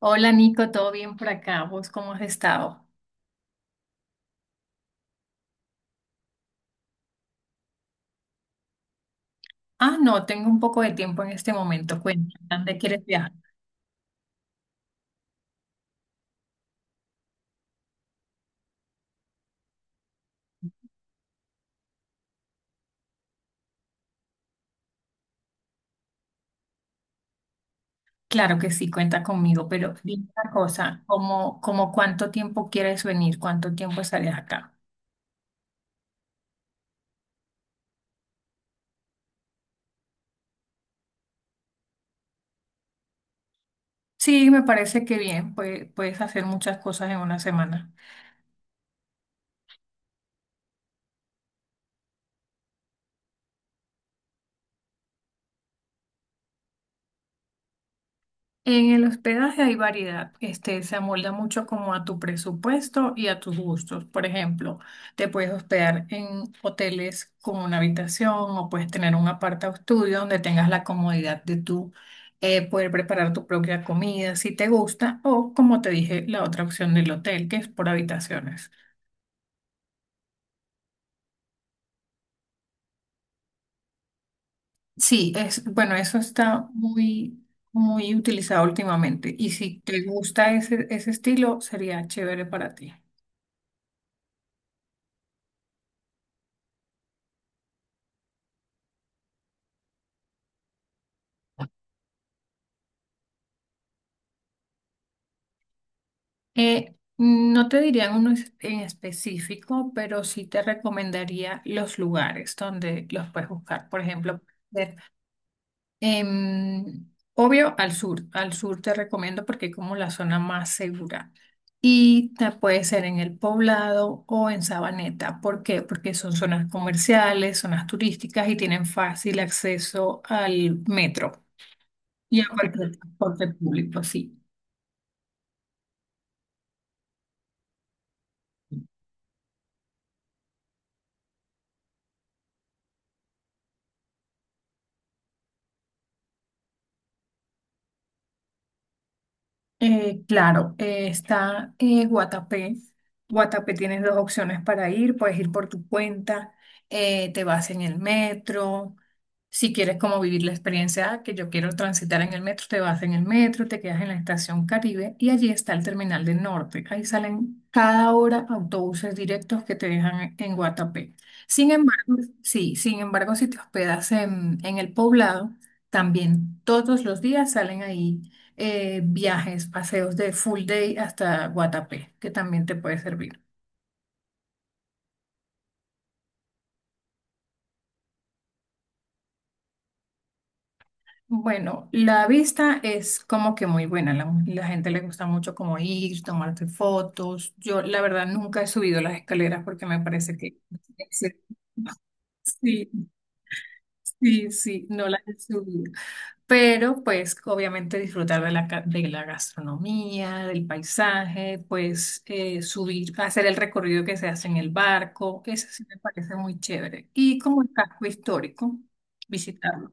Hola Nico, ¿todo bien por acá? ¿Vos cómo has estado? Ah, no, tengo un poco de tiempo en este momento. Cuéntame, ¿dónde quieres viajar? Claro que sí, cuenta conmigo, pero dime una cosa, ¿cómo cuánto tiempo quieres venir? ¿Cuánto tiempo estarías acá? Sí, me parece que bien, pues, puedes hacer muchas cosas en una semana. En el hospedaje hay variedad, este se amolda mucho como a tu presupuesto y a tus gustos. Por ejemplo, te puedes hospedar en hoteles con una habitación o puedes tener un aparta estudio donde tengas la comodidad de tú poder preparar tu propia comida si te gusta o como te dije, la otra opción del hotel que es por habitaciones. Sí, es bueno, eso está muy utilizado últimamente y si te gusta ese estilo sería chévere para ti. No te diría uno en específico, pero sí te recomendaría los lugares donde los puedes buscar. Por ejemplo, ver, em, obvio al sur. Al sur te recomiendo porque es como la zona más segura. Y puede ser en El Poblado o en Sabaneta. ¿Por qué? Porque son zonas comerciales, zonas turísticas y tienen fácil acceso al metro y a cualquier transporte público, sí. Claro, está Guatapé. Guatapé tienes dos opciones para ir. Puedes ir por tu cuenta, te vas en el metro. Si quieres como vivir la experiencia que yo quiero transitar en el metro, te vas en el metro, te quedas en la estación Caribe y allí está el terminal del norte. Ahí salen cada hora autobuses directos que te dejan en Guatapé. Sin embargo, sí, sin embargo, si te hospedas en el poblado, también todos los días salen ahí viajes, paseos de full day hasta Guatapé, que también te puede servir. Bueno, la vista es como que muy buena, la gente le gusta mucho como ir, tomarte fotos. Yo la verdad nunca he subido las escaleras porque me parece que... Sí, sí, sí, sí, no las he subido. Pero pues obviamente disfrutar de la, de la gastronomía, del paisaje, pues subir, hacer el recorrido que se hace en el barco, eso sí me parece muy chévere. Y como el casco histórico, visitarlo.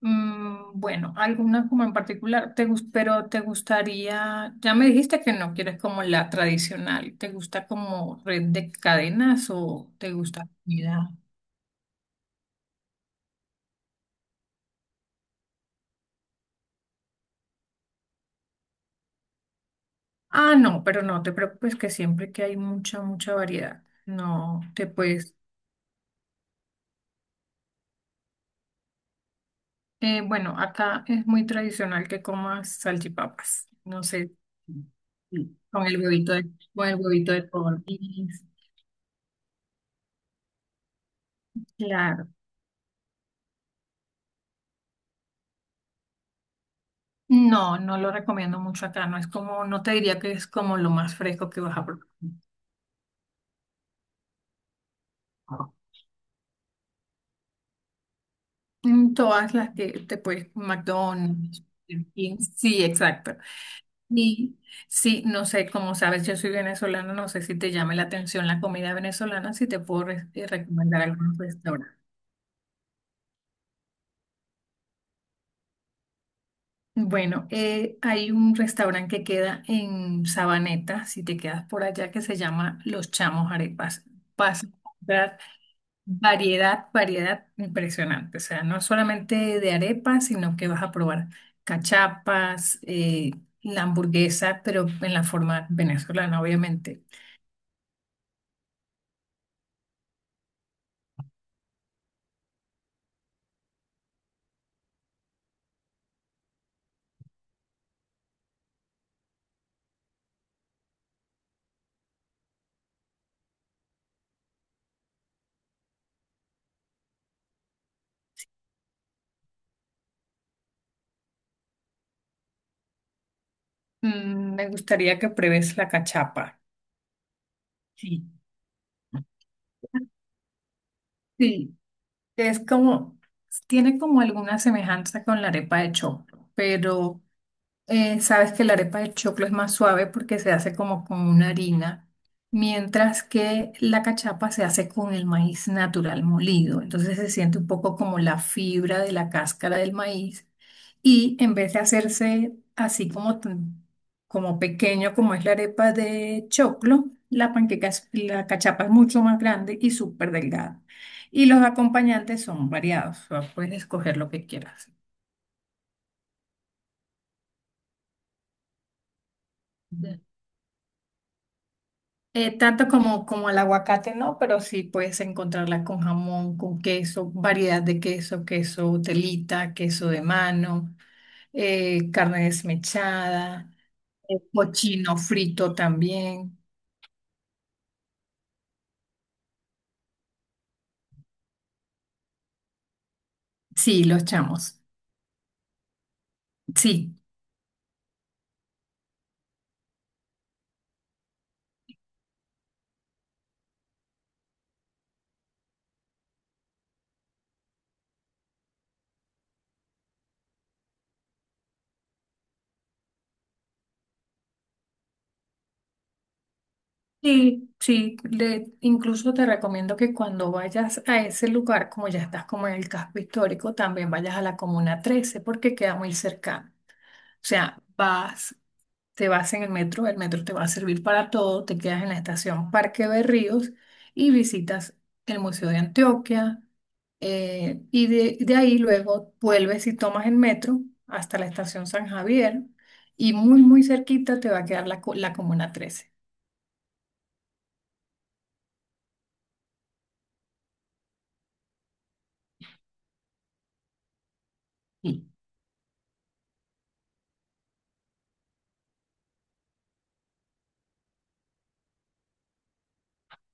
Mm, bueno, alguna como en particular, te, pero te gustaría, ya me dijiste que no quieres como la tradicional, ¿te gusta como red de cadenas o te gusta comida? Ah, no, pero no te preocupes que siempre que hay mucha variedad, no te puedes... Bueno, acá es muy tradicional que comas salchipapas, no sé, sí, con el huevito de codorniz. Claro. No, no lo recomiendo mucho acá, no es como, no te diría que es como lo más fresco que vas a probar. En todas las que te puedes, McDonald's, Burger King, sí, exacto. Sí, sí, no sé, como sabes, yo soy venezolana, no sé si te llame la atención la comida venezolana, si te puedo recomendar algunos restaurantes. Bueno, hay un restaurante que queda en Sabaneta, si te quedas por allá, que se llama Los Chamos Arepas. Vas a encontrar variedad impresionante, o sea, no solamente de arepas, sino que vas a probar cachapas, la hamburguesa, pero en la forma venezolana, obviamente. Mm, me gustaría que pruebes la cachapa. Sí. Sí, es como, tiene como alguna semejanza con la arepa de choclo, pero sabes que la arepa de choclo es más suave porque se hace como con una harina, mientras que la cachapa se hace con el maíz natural molido. Entonces se siente un poco como la fibra de la cáscara del maíz y en vez de hacerse así como, como pequeño como es la arepa de choclo, la panqueca, la cachapa es mucho más grande y súper delgada. Y los acompañantes son variados, o sea, puedes escoger lo que quieras. Como el aguacate, no, pero sí puedes encontrarla con jamón, con queso, variedad de queso, queso telita, queso de mano, carne desmechada, cochino frito también. Sí, los chamos. Sí, sí, sí. Le, incluso te recomiendo que cuando vayas a ese lugar, como ya estás como en el casco histórico, también vayas a la Comuna 13 porque queda muy cercano. O sea, vas. Te vas en el metro te va a servir para todo, te quedas en la estación Parque de Ríos y visitas el Museo de Antioquia de ahí luego vuelves y tomas el metro hasta la estación San Javier y muy cerquita te va a quedar la, la Comuna trece.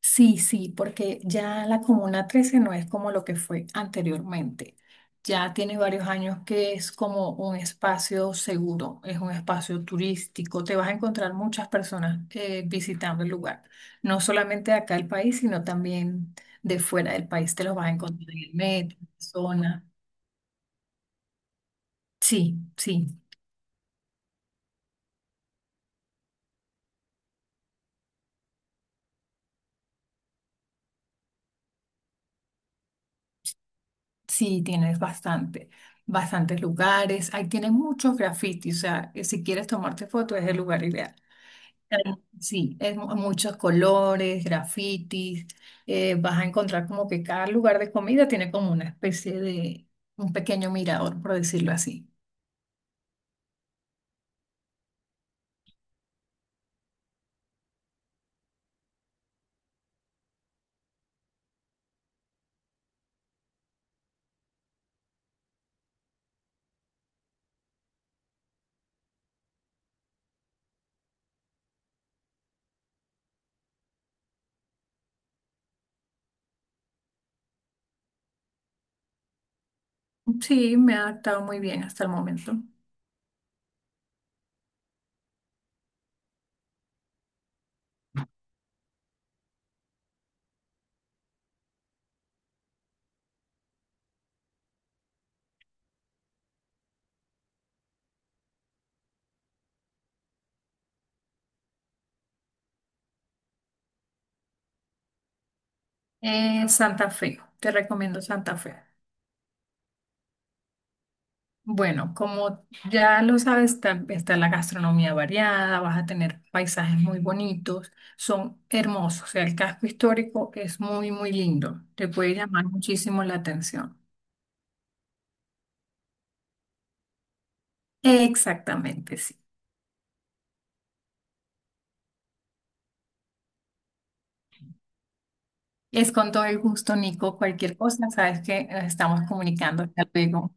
Sí, sí, porque ya la Comuna 13 no es como lo que fue anteriormente. Ya tiene varios años que es como un espacio seguro, es un espacio turístico. Te vas a encontrar muchas personas visitando el lugar, no solamente de acá del país, sino también de fuera del país. Te los vas a encontrar en el metro, en la zona. Sí, sí, sí, tienes bastantes lugares. Ahí tienen muchos grafitis, o sea, si quieres tomarte fotos es el lugar ideal. Sí, es muchos colores, grafitis, vas a encontrar como que cada lugar de comida tiene como una especie de un pequeño mirador, por decirlo así. Sí, me ha adaptado muy bien hasta el momento. Santa Fe, te recomiendo Santa Fe. Bueno, como ya lo sabes, está la gastronomía variada, vas a tener paisajes muy bonitos, son hermosos, o sea, el casco histórico es muy lindo, te puede llamar muchísimo la atención. Exactamente, sí. Es con todo el gusto, Nico. Cualquier cosa, sabes que estamos comunicando. Hasta luego.